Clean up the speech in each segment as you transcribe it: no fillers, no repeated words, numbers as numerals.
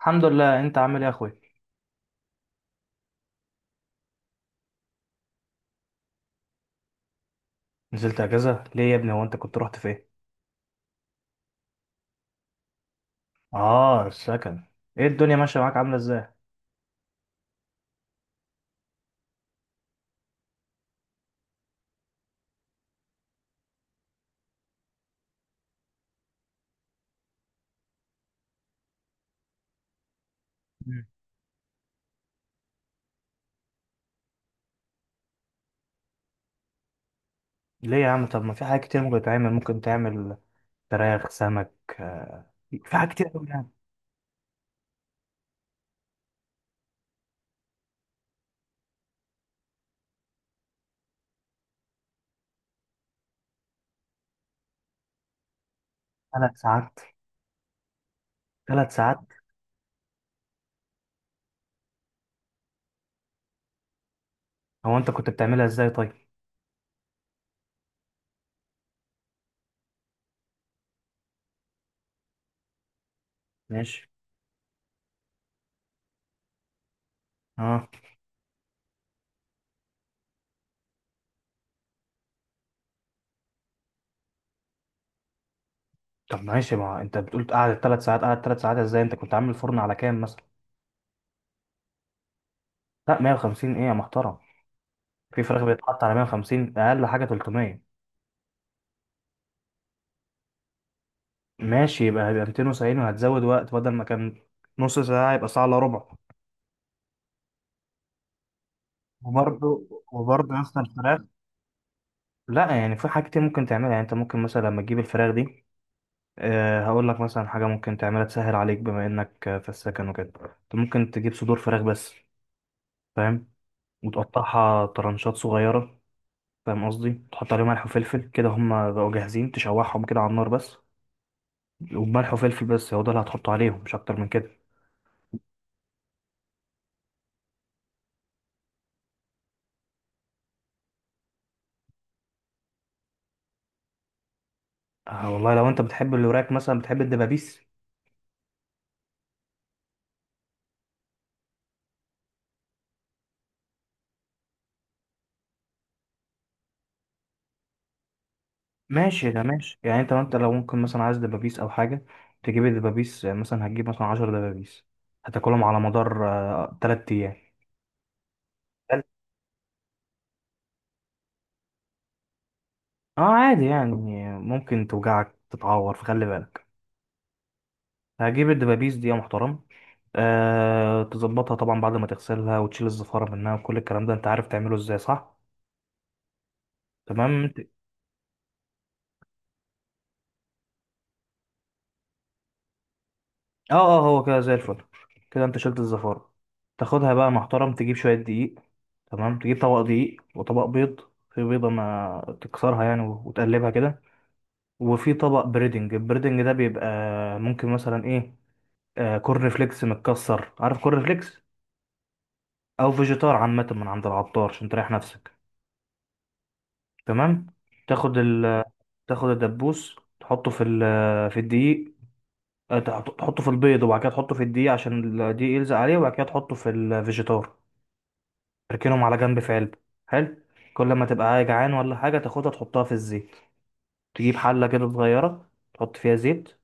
الحمد لله، انت عامل ايه يا اخوي؟ نزلت اجازه ليه يا ابني؟ هو انت كنت رحت فين؟ اه، السكن. ايه الدنيا ماشيه معاك؟ عامله ازاي؟ مم. ليه يا عم؟ طب ما في حاجات كتير ممكن تتعمل، ممكن تعمل فراخ، سمك، آه، في حاجات كتير قوي يعني. 3 ساعات؟ 3 ساعات؟ هو انت كنت بتعملها ازاي طيب؟ ماشي. اه. طب ماشي، ما انت بتقول قعدت 3 ساعات، قعدت ثلاث ساعات ازاي؟ انت كنت عامل فرن على كام مثلا؟ لا 150 ايه يا محترم؟ في فراخ بيتحط على 150؟ اقل حاجه 300. ماشي، يبقى هيبقى 270 وهتزود وقت، بدل ما كان نص ساعة يبقى ساعة الا ربع. وبرضه وبرضه يا اسطى الفراخ. لا يعني في حاجات كتير ممكن تعملها، يعني انت ممكن مثلا لما تجيب الفراخ دي. أه هقول لك مثلا حاجة ممكن تعملها تسهل عليك، بما انك في السكن وكده، انت ممكن تجيب صدور فراخ بس. فاهم؟ وتقطعها طرنشات صغيرة. فاهم قصدي؟ تحط عليهم ملح وفلفل كده، هما بقوا جاهزين، تشوحهم كده على النار بس. وملح وفلفل بس، هو ده اللي هتحطه عليهم، مش اكتر من كده. آه والله، لو انت بتحب الوراك مثلا، بتحب الدبابيس. ماشي، ده ماشي، يعني انت لو ممكن مثلا عايز دبابيس او حاجه، تجيب الدبابيس. مثلا هتجيب مثلا 10 دبابيس، هتاكلهم على مدار تلات ايام. اه، عادي يعني. ممكن توجعك، تتعور، فخلي بالك. هجيب الدبابيس دي يا محترم. أه، تظبطها طبعا بعد ما تغسلها، وتشيل الزفارة منها وكل الكلام ده، انت عارف تعمله ازاي صح؟ تمام. اه اه، هو كده زي الفل. كده انت شلت الزفارة. تاخدها بقى محترم، تجيب شوية دقيق. تمام، تجيب طبق دقيق وطبق بيض. في بيضة ما تكسرها يعني وتقلبها كده. وفي طبق بريدنج، البريدنج ده بيبقى ممكن مثلا ايه، آه، كورن فليكس متكسر، عارف كورن فليكس؟ او فيجيتار عامة من عند العطار عشان تريح نفسك. تمام. تاخد ال، تاخد الدبوس تحطه في ال، في الدقيق. تحطه في البيض، وبعد كده تحطه في الدقيق عشان الدقيق يلزق عليه، وبعد كده تحطه في الفيجيتار. تركنهم على جنب في علبة. حلو. كل ما تبقى جعان ولا حاجة تاخدها تحطها في الزيت. تجيب حلة كده صغيرة تحط فيها زيت،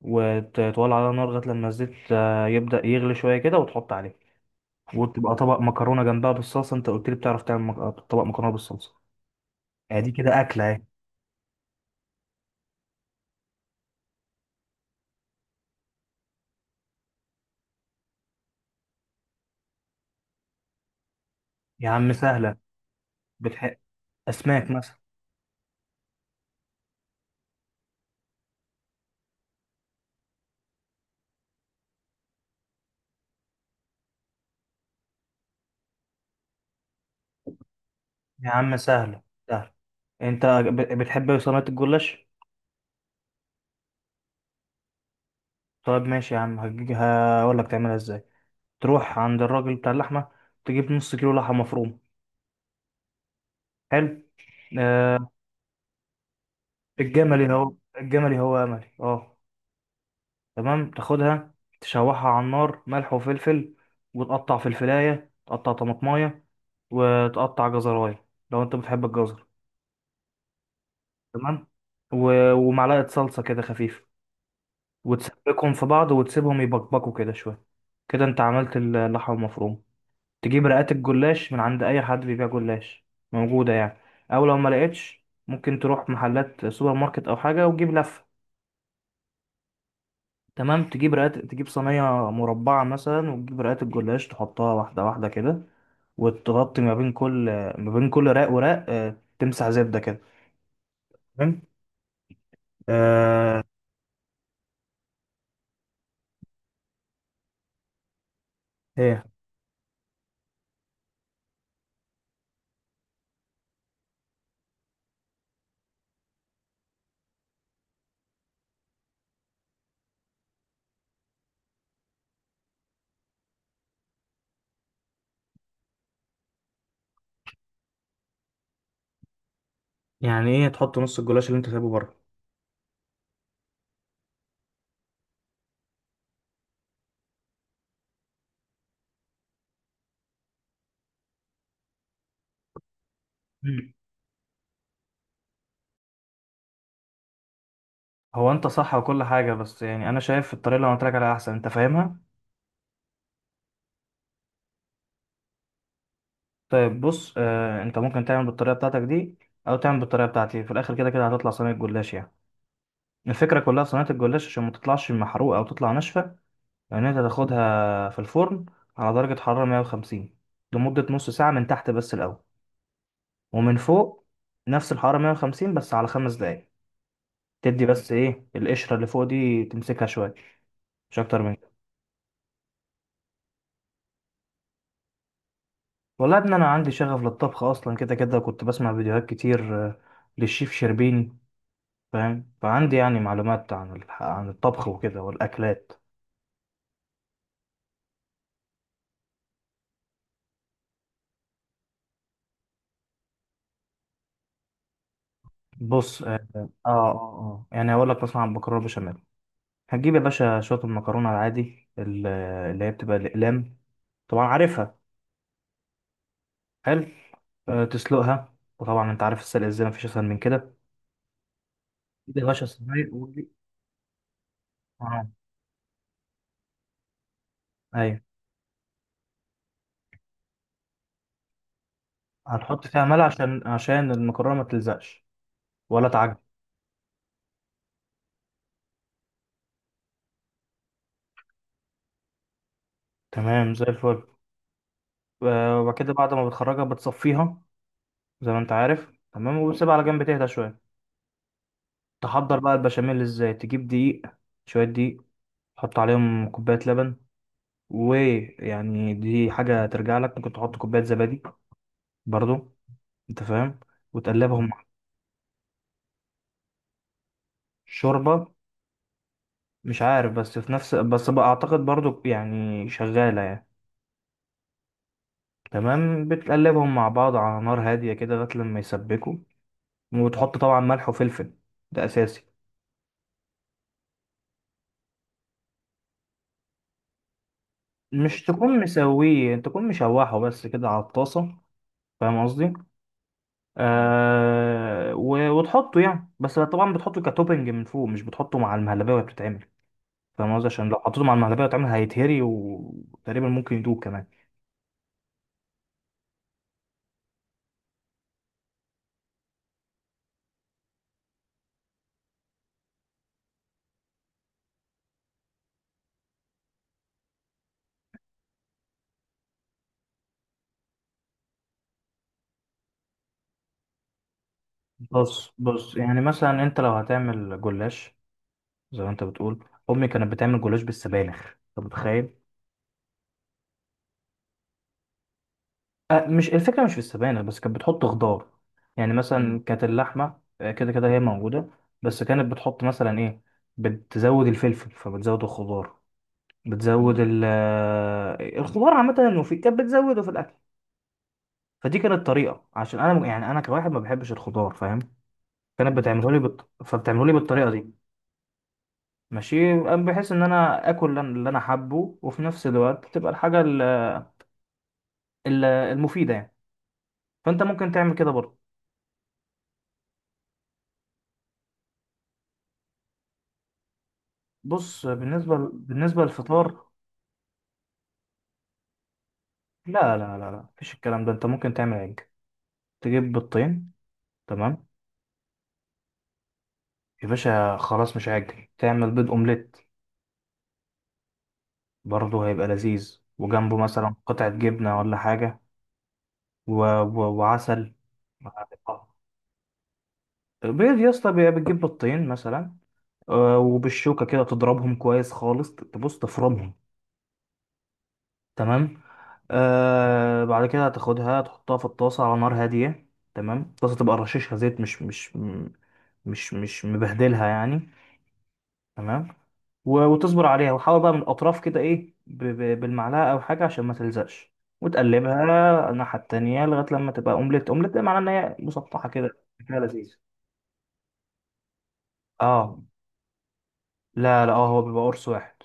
وتولع عليها نار لغاية لما الزيت يبدأ يغلي شوية كده وتحط عليه. وتبقى طبق مكرونة جنبها بالصلصة. انت قلت لي بتعرف تعمل مك... آه، طبق مكرونة بالصلصة. ادي كده أكلة اهي. يا عم سهلة. بتح... أسماك مثلا. يا عم سهلة، سهلة. انت بتحب صينية الجلاش؟ طيب ماشي يا عم، هقول لك تعملها ازاي. تروح عند الراجل بتاع اللحمة، تجيب نص كيلو لحمة مفرومة. حلو. آه. الجملي هو، الجملي هو أملي، اه. تمام تاخدها، تشوحها على النار ملح وفلفل، وتقطع فلفلاية، تقطع طماطماية، وتقطع جزراية لو انت بتحب الجزر. تمام. ومعلقة صلصة كده خفيفة، وتسبكهم في بعض وتسيبهم يبقبقوا كده شوية. كده انت عملت اللحمة المفرومة. تجيب رقات الجلاش من عند اي حد بيبيع جلاش. موجودة يعني. او لو ما لقيتش ممكن تروح محلات سوبر ماركت او حاجة وتجيب لفة. تمام، تجيب رقات، تجيب صينية مربعة مثلا، وتجيب رقات الجلاش، تحطها واحدة واحدة كده، وتغطي ما بين كل، ما بين كل رق ورق تمسح زبدة كده. تمام. آه. ايه يعني ايه تحط نص الجلاش اللي انت سايبه بره؟ مم. هو انت صح وكل حاجة، بس يعني انا شايف الطريقة اللي انا قلت لك عليها احسن. انت فاهمها؟ طيب بص، آه، انت ممكن تعمل بالطريقة بتاعتك دي او تعمل بالطريقة بتاعتي، في الاخر كده كده هتطلع صينية جلاش يعني. الفكرة كلها في صينية الجلاش عشان ما تطلعش محروقة او تطلع ناشفة. يعني انت تاخدها في الفرن على درجة حرارة 150 لمدة نص ساعة، من تحت بس الأول، ومن فوق نفس الحرارة 150 بس على 5 دقايق. تدي بس ايه القشرة اللي فوق دي، تمسكها شوية. مش أكتر من كده. والله يا ابني أنا عندي شغف للطبخ أصلا، كده كده كنت بسمع فيديوهات كتير للشيف شربيني. فاهم؟ فعندي يعني معلومات عن عن الطبخ وكده والأكلات. بص، يعني هقول لك مثلا عن المكرونة بشاميل. هتجيب يا باشا شوية المكرونة العادي اللي هي بتبقى الأقلام، طبعا عارفها. حلو. أه تسلقها، وطبعا انت عارف السلق ازاي، مفيش اسهل من كده. تجيب يا باشا الصينية اه. ايوه. هتحط فيها ملح عشان المكرونة ما تلزقش ولا تعجن. تمام زي الفل. أه وبعد كده، بعد ما بتخرجها بتصفيها، زي ما انت عارف تمام، وبتسيبها على جنب تهدى شوية. تحضر بقى البشاميل ازاي؟ تجيب دقيق، شوية دقيق، تحط عليهم كوباية لبن. ويعني دي حاجة ترجع لك، ممكن تحط كوباية زبادي برضو، انت فاهم؟ وتقلبهم مع شوربة. مش عارف، بس في نفس، بس بقى اعتقد برضو يعني شغالة يعني. تمام، بتقلبهم مع بعض على نار هادية كده لغاية لما يسبكوا، وتحط طبعا ملح وفلفل، ده اساسي. مش تكون مسويه، تكون مشوحه بس كده على الطاسة. فاهم قصدي؟ وتحطه يعني، بس طبعا بتحطه كتوبنج من فوق، مش بتحطه مع المهلبية وهي بتتعمل. فاهم قصدي؟ عشان لو حطيته مع المهلبية واتعمل هيتهري، وتقريبا ممكن يدوب كمان. بص يعني مثلا انت لو هتعمل جلاش زي ما انت بتقول، امي كانت بتعمل جلاش بالسبانخ، انت متخيل؟ أه مش الفكرة مش في السبانخ بس، كانت بتحط خضار يعني. مم. مثلا كانت اللحمة كده كده هي موجودة، بس كانت بتحط مثلا ايه، بتزود الفلفل، فبتزود الخضار، بتزود مم. ال آه، الخضار عامة، وفي كانت بتزوده في الأكل. فدي كانت طريقة، عشان أنا يعني، أنا كواحد ما بحبش الخضار، كانت بتعمله لي فبتعمله لي بالطريقه دي. ماشي. بحيث ان انا اكل اللي انا حابه، وفي نفس الوقت تبقى الحاجه المفيده يعني. فانت ممكن تعمل كده برضه. بص، بالنسبه للفطار. لا لا لا لا، مفيش الكلام ده، انت ممكن تعمل عجة، تجيب بيضتين. تمام. يا باشا خلاص، مش عجة، تعمل بيض اومليت، برضه هيبقى لذيذ، وجنبه مثلا قطعه جبنه ولا حاجه، و... وعسل. بيض يا اسطى، بتجيب بيضتين مثلا، وبالشوكة كده تضربهم كويس خالص، تبص تفرمهم. تمام. آه، بعد كده هتاخدها تحطها في الطاسة على نار هادية. تمام، الطاسة تبقى رشيشها زيت، مش مبهدلها يعني. تمام. وتصبر عليها، وحاول بقى من الأطراف كده إيه بالمعلقة أو حاجة عشان ما تلزقش، وتقلبها الناحية التانية لغاية لما تبقى أومليت. أومليت ده معناه إن هي مسطحة كده، شكلها لذيذ. اه. لا لا، اه، هو بيبقى قرص واحد.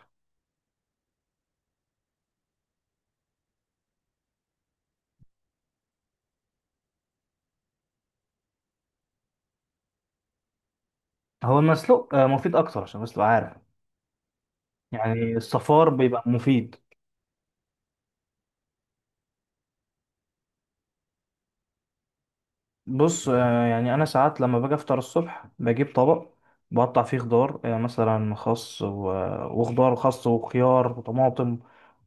هو المسلوق مفيد أكتر، عشان بس تبقى عارف، يعني الصفار بيبقى مفيد. بص، يعني انا ساعات لما باجي افطر الصبح، بجيب طبق، بقطع فيه خضار، مثلا خس وخضار، خس وخيار وطماطم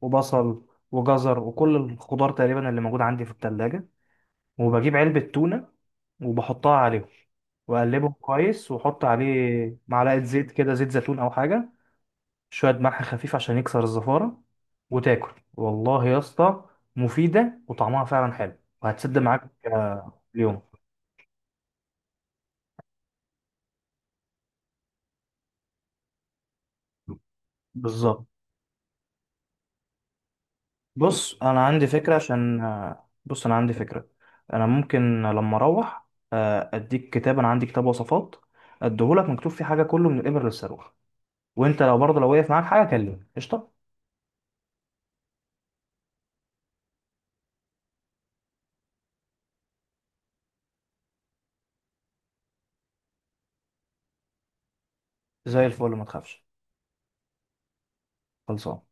وبصل وجزر وكل الخضار تقريبا اللي موجود عندي في التلاجة، وبجيب علبة تونة وبحطها عليهم، واقلبهم كويس واحط عليه معلقة زيت كده، زيت زيتون او حاجة. شوية ملح خفيف عشان يكسر الزفارة. وتاكل والله يا اسطى، مفيدة وطعمها فعلا حلو، وهتسد معاك اليوم. بالظبط. بص أنا عندي فكرة. أنا ممكن لما أروح أديك كتاب، أنا عندي كتاب وصفات، أديهولك مكتوب فيه حاجة، كله من الإبر للصاروخ. وأنت لو برضه لو وقف معاك حاجة كلمني قشطة. زي الفل، ما تخافش. خلصان.